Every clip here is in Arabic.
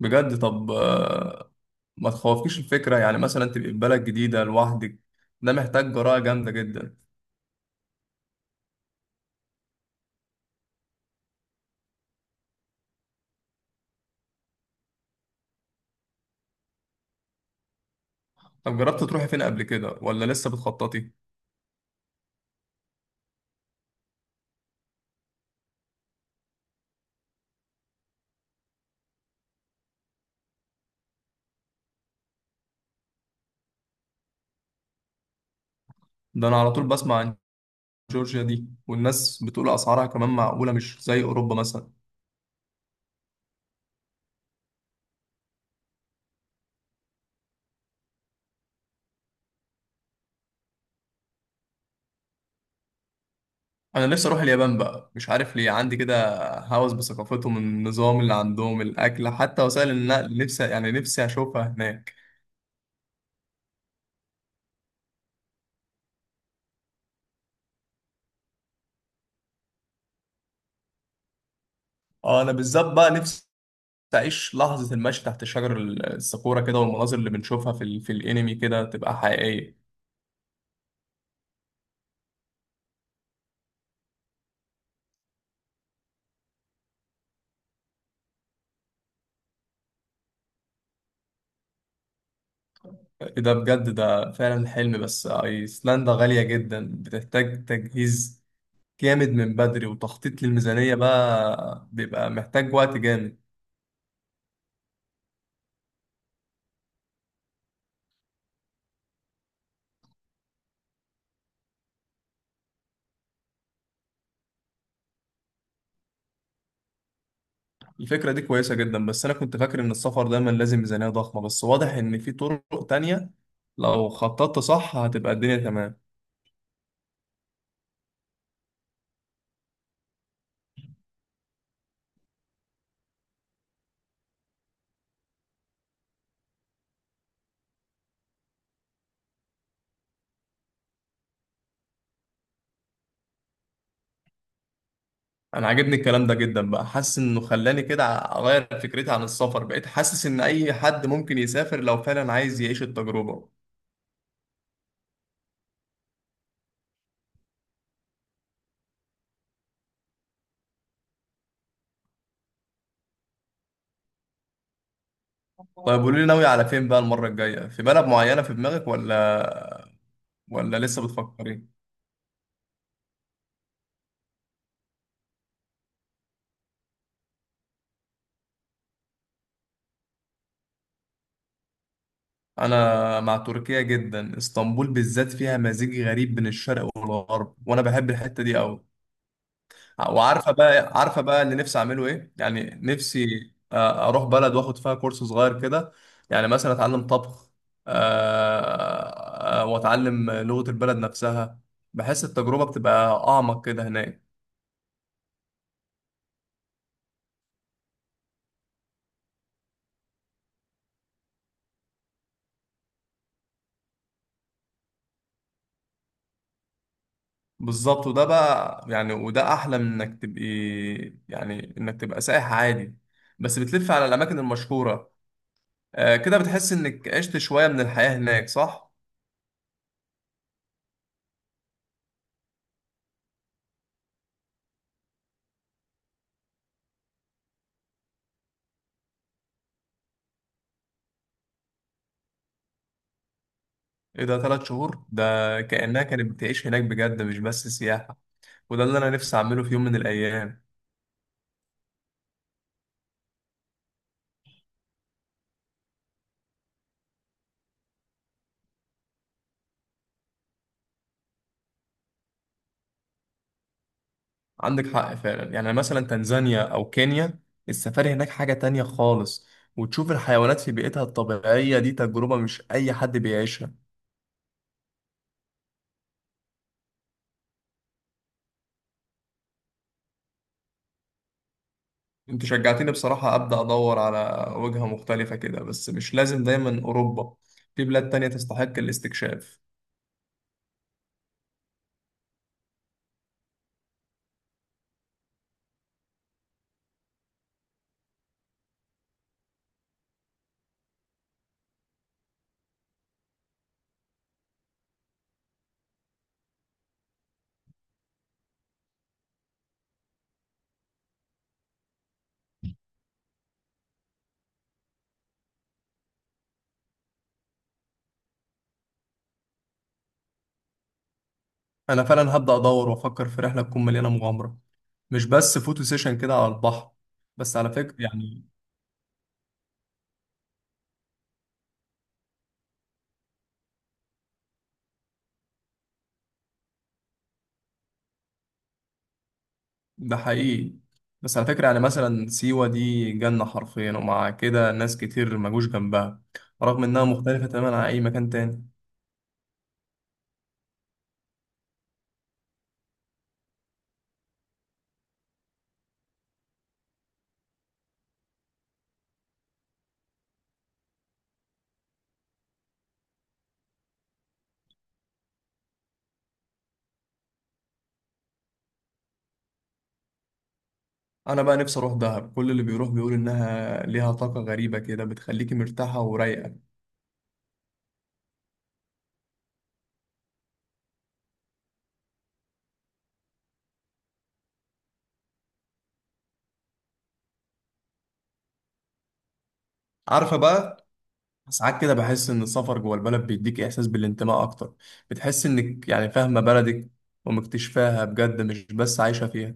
بجد، طب، ما تخوفكيش الفكرة. يعني مثلا تبقي في بلد جديدة لوحدك؟ ده محتاج جراءة جامدة جدا. طب جربت تروحي فين قبل كده ولا لسه بتخططي؟ ده أنا على طول بسمع عن جورجيا دي، والناس بتقول أسعارها كمان معقولة، مش زي أوروبا مثلا. أنا نفسي أروح اليابان بقى، مش عارف ليه عندي كده هوس بثقافتهم، النظام اللي عندهم، الأكل، حتى وسائل النقل. نفسي يعني نفسي أشوفها هناك. اه، أنا بالذات بقى نفسي تعيش لحظة المشي تحت شجر الساكورا كده، والمناظر اللي بنشوفها في الانمي كده تبقى حقيقية. ده بجد، ده فعلا حلم، بس ايسلندا غالية جدا، بتحتاج تجهيز جامد من بدري وتخطيط للميزانية، بقى بيبقى محتاج وقت جامد. الفكرة دي كويسة جدا، بس أنا كنت فاكر إن السفر دايما لازم ميزانية ضخمة، بس واضح إن في طرق تانية. لو خططت صح هتبقى الدنيا تمام. انا عاجبني الكلام ده جدا، بقى حاسس انه خلاني كده اغير فكرتي عن السفر، بقيت حاسس ان اي حد ممكن يسافر لو فعلا عايز يعيش التجربة. طيب قولي لي، ناوي على فين بقى المرة الجاية؟ في بلد معينة في دماغك ولا لسه بتفكري؟ انا مع تركيا جدا، اسطنبول بالذات فيها مزيج غريب بين الشرق والغرب، وانا بحب الحتة دي قوي. وعارفه بقى اللي نفسي اعمله ايه، يعني نفسي اروح بلد واخد فيها كورس صغير كده. يعني مثلا اتعلم طبخ، واتعلم لغه البلد نفسها. بحس التجربه بتبقى اعمق كده هناك. بالظبط، وده بقى يعني، وده احلى من انك تبقي، يعني انك تبقى سائح عادي بس بتلف على الاماكن المشهوره. كده بتحس انك عشت شويه من الحياه هناك، صح؟ ايه ده، ثلاث شهور؟ ده كأنها كانت بتعيش هناك بجد، مش بس سياحة. وده اللي انا نفسي اعمله في يوم من الايام. عندك حق فعلا، يعني مثلا تنزانيا او كينيا، السفاري هناك حاجة تانية خالص. وتشوف الحيوانات في بيئتها الطبيعية، دي تجربة مش اي حد بيعيشها. انت شجعتني بصراحة، ابدا ادور على وجهة مختلفة كده، بس مش لازم دايما اوروبا، في بلاد تانية تستحق الاستكشاف. انا فعلا هبدا ادور وافكر في رحلة تكون مليانة مغامرة، مش بس فوتو سيشن كده على البحر. بس على فكرة يعني. ده حقيقي. بس على فكرة، يعني مثلا سيوة دي جنة حرفيا، ومع كده ناس كتير مجوش جنبها، رغم إنها مختلفة تماما عن أي مكان تاني. أنا بقى نفسي أروح دهب، كل اللي بيروح بيقول إنها ليها طاقة غريبة كده بتخليكي مرتاحة ورايقة. عارفة بقى، ساعات كده بحس إن السفر جوه البلد بيديك إحساس بالانتماء أكتر، بتحس إنك يعني فاهمة بلدك ومكتشفاها بجد، مش بس عايشة فيها.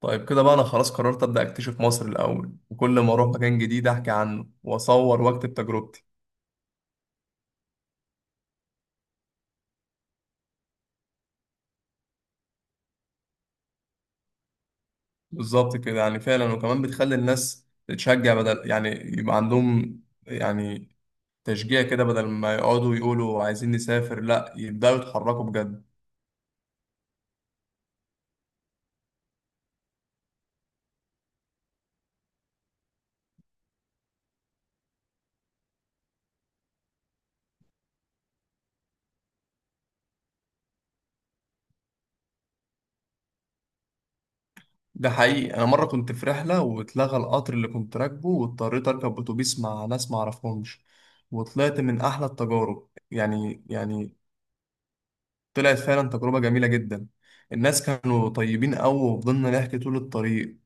طيب كده بقى، أنا خلاص قررت أبدأ أكتشف مصر الأول، وكل ما أروح مكان جديد أحكي عنه وأصور وأكتب تجربتي. بالظبط كده يعني فعلا، وكمان بتخلي الناس تتشجع، بدل يعني يبقى عندهم يعني تشجيع كده، بدل ما يقعدوا يقولوا عايزين نسافر، لا يبدأوا يتحركوا بجد. ده حقيقي، انا مرة كنت في رحلة واتلغى القطر اللي كنت راكبه، واضطريت اركب اتوبيس مع ناس ما اعرفهمش، وطلعت من احلى التجارب يعني. طلعت فعلا تجربة جميلة جدا، الناس كانوا طيبين قوي وفضلنا نحكي طول الطريق.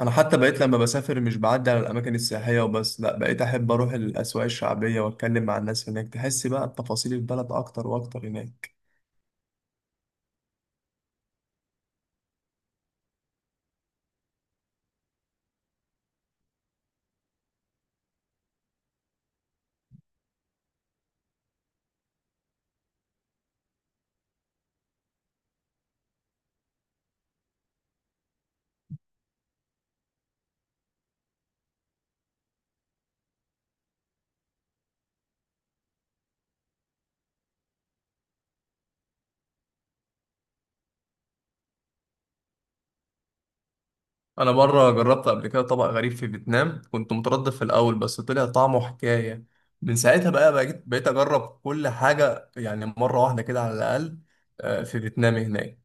انا حتى بقيت لما بسافر مش بعدي على الاماكن السياحيه وبس، لا بقيت احب اروح الاسواق الشعبيه واتكلم مع الناس هناك، تحس بقى بتفاصيل البلد اكتر واكتر هناك. انا مره جربت قبل كده طبق غريب في فيتنام، كنت متردد في الاول بس طلع طعمه حكايه. من ساعتها بقى بقيت اجرب كل حاجه يعني مره واحده كده على الاقل، في فيتنام هناك.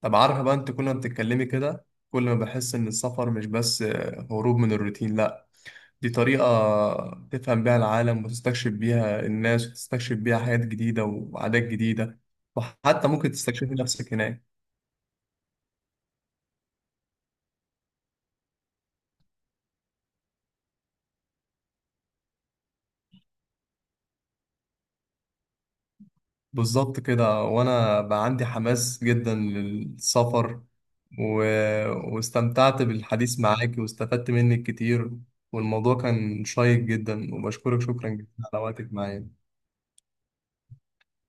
طب عارفه بقى، انت كل ما بتتكلمي كده كل ما بحس ان السفر مش بس هروب من الروتين، لا، دي طريقة تفهم بيها العالم، وتستكشف بيها الناس، وتستكشف بيها حاجات جديدة وعادات جديدة، وحتى ممكن تستكشفي نفسك هناك. بالظبط كده، وأنا بقى عندي حماس جدا للسفر، و... واستمتعت بالحديث معاك واستفدت منك كتير، والموضوع كان شيق جدا، وبشكرك شكرا جدا على وقتك معايا.